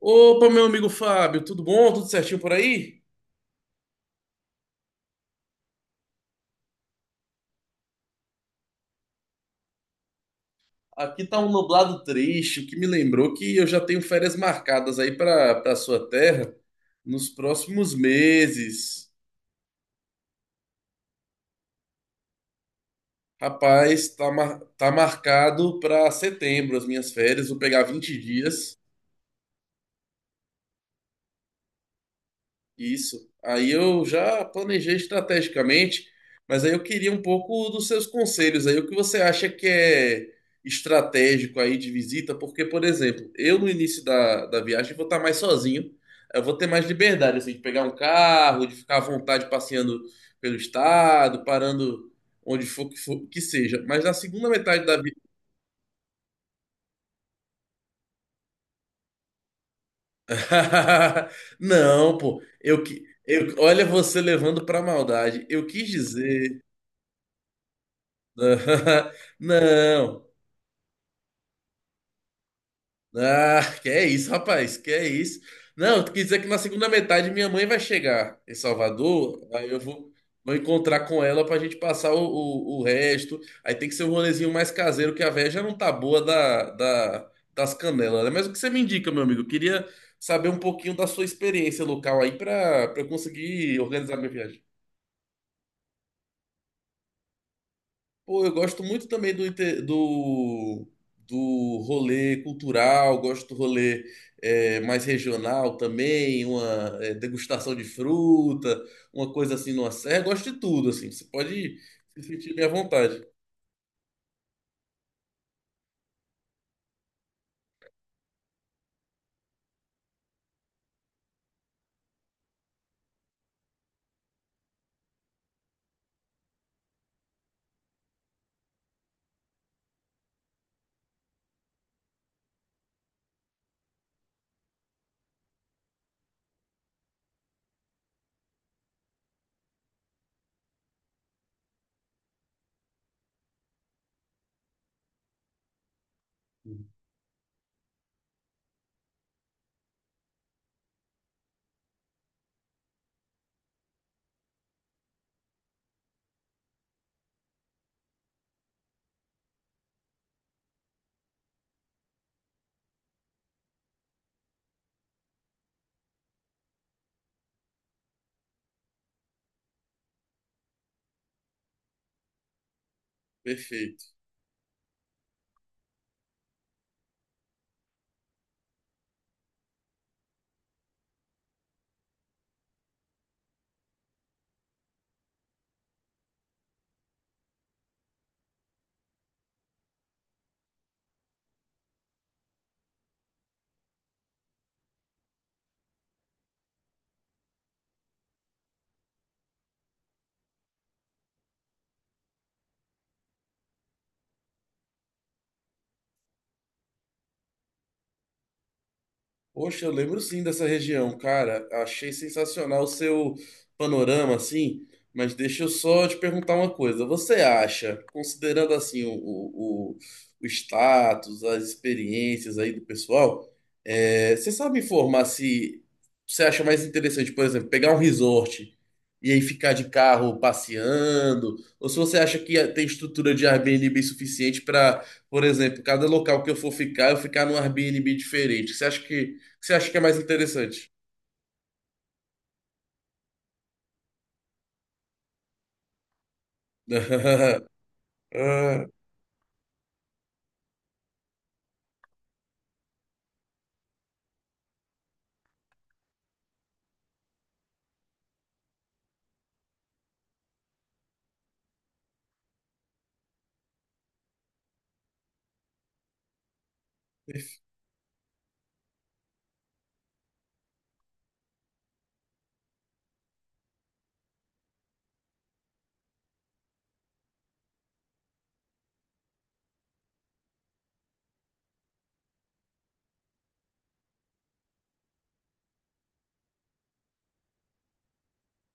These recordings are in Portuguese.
Opa, meu amigo Fábio, tudo bom? Tudo certinho por aí? Aqui tá um nublado triste, o que me lembrou que eu já tenho férias marcadas aí para sua terra nos próximos meses. Rapaz, tá, tá marcado para setembro as minhas férias, vou pegar 20 dias. Isso. Aí eu já planejei estrategicamente, mas aí eu queria um pouco dos seus conselhos aí. O que você acha que é estratégico aí de visita? Porque, por exemplo, eu no início da viagem vou estar mais sozinho. Eu vou ter mais liberdade, assim, de pegar um carro, de ficar à vontade passeando pelo estado, parando onde que seja. Mas na segunda metade da vida. Não, pô. Eu que. Eu, olha você levando pra maldade. Eu quis dizer. Não. Ah, que é isso, rapaz? Que é isso? Não, quer dizer que na segunda metade minha mãe vai chegar em Salvador, aí vou encontrar com ela pra gente passar o resto. Aí tem que ser um rolezinho mais caseiro, que a véia já não tá boa das canelas, né? Mas o que você me indica, meu amigo? Eu queria saber um pouquinho da sua experiência local aí pra eu conseguir organizar minha viagem. Pô, eu gosto muito também do rolê cultural, gosto do rolê mais regional também, uma degustação de fruta, uma coisa assim numa serra, gosto de tudo, assim, você pode se sentir bem à vontade. Perfeito. Poxa, eu lembro sim dessa região, cara. Achei sensacional o seu panorama, assim. Mas deixa eu só te perguntar uma coisa. Você acha, considerando assim o status, as experiências aí do pessoal, você sabe informar se você acha mais interessante, por exemplo, pegar um resort e aí ficar de carro passeando? Ou se você acha que tem estrutura de Airbnb suficiente para, por exemplo, cada local que eu for ficar, eu ficar num Airbnb diferente? Você acha que você acha que é mais interessante? Ah,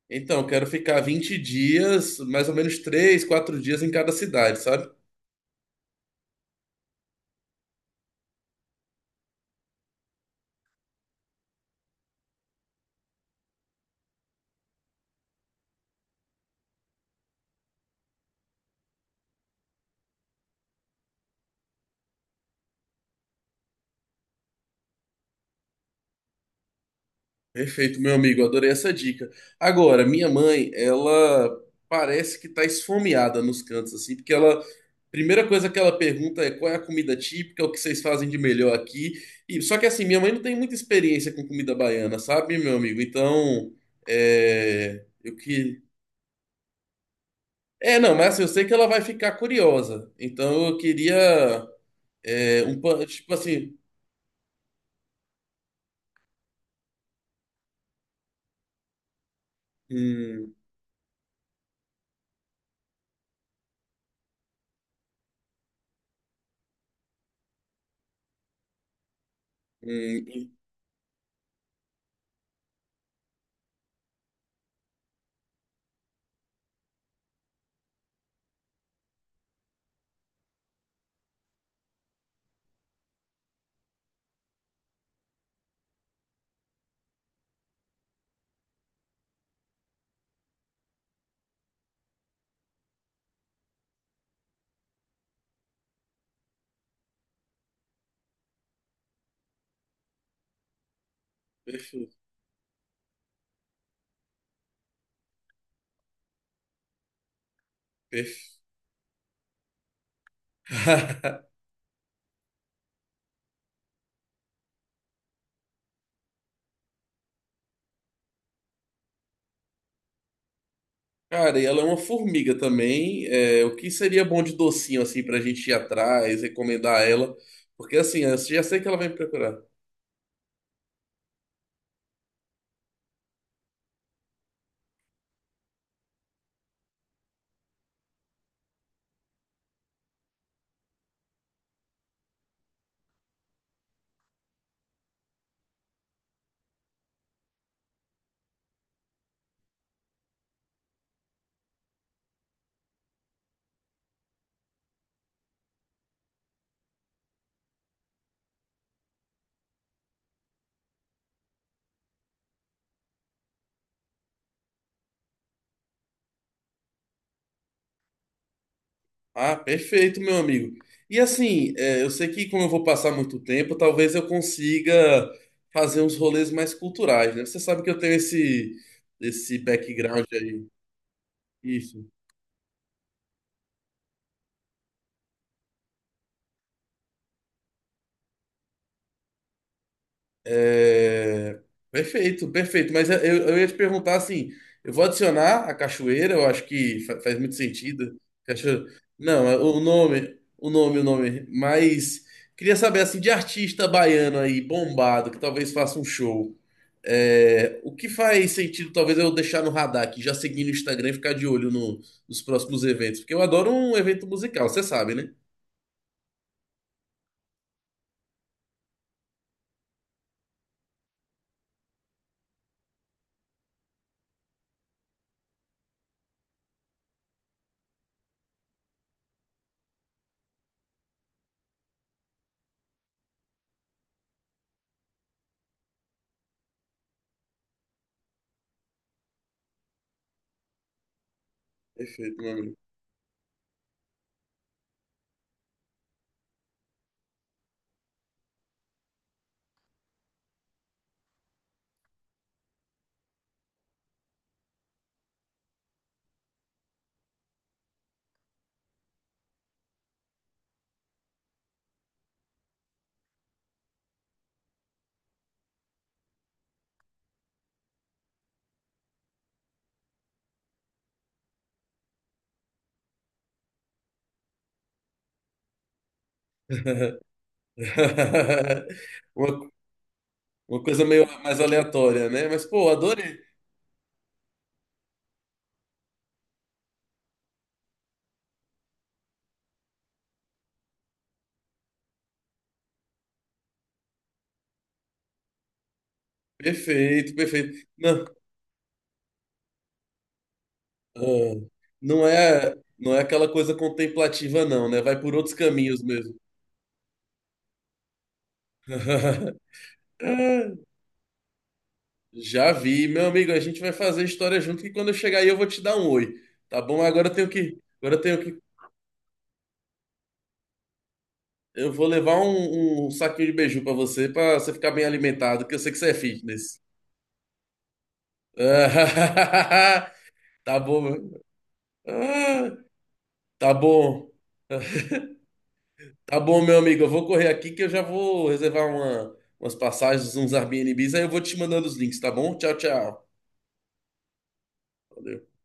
então, quero ficar 20 dias, mais ou menos 3, 4 dias em cada cidade, sabe? Perfeito, meu amigo, adorei essa dica. Agora, minha mãe, ela parece que tá esfomeada nos cantos, assim, porque ela. Primeira coisa que ela pergunta é qual é a comida típica, o que vocês fazem de melhor aqui. E, só que assim, minha mãe não tem muita experiência com comida baiana, sabe, meu amigo? Então, é, eu que É, não, mas assim, eu sei que ela vai ficar curiosa. Então eu queria tipo assim, um, um, perfe- perfe- Cara, e ela é uma formiga também. É, o que seria bom de docinho assim pra gente ir atrás, recomendar a ela? Porque assim, eu já sei que ela vai me procurar. Ah, perfeito, meu amigo. E assim, eu sei que como eu vou passar muito tempo, talvez eu consiga fazer uns rolês mais culturais, né? Você sabe que eu tenho esse background aí. Isso. É, perfeito, perfeito. Mas eu ia te perguntar assim: eu vou adicionar a cachoeira, eu acho que faz muito sentido. Cachoeira. Não, é o o nome. Mas queria saber assim, de artista baiano aí, bombado, que talvez faça um show. O que faz sentido, talvez, eu deixar no radar aqui, já seguir no Instagram e ficar de olho nos próximos eventos. Porque eu adoro um evento musical, você sabe, né? Perfeito, meu amigo. Uma Uma coisa meio mais aleatória, né? Mas, pô, adorei. Perfeito, perfeito. Não, ah, não é aquela coisa contemplativa, não, né? Vai por outros caminhos mesmo. Já vi, meu amigo. A gente vai fazer história junto que quando eu chegar aí eu vou te dar um oi, tá bom? Agora eu tenho que, eu vou levar um saquinho de beiju pra você ficar bem alimentado, que eu sei que você é fitness. Tá bom, meu. Ah, tá bom. Tá bom, meu amigo. Eu vou correr aqui que eu já vou reservar umas passagens, uns Airbnbs, aí eu vou te mandando os links, tá bom? Tchau, tchau. Valeu.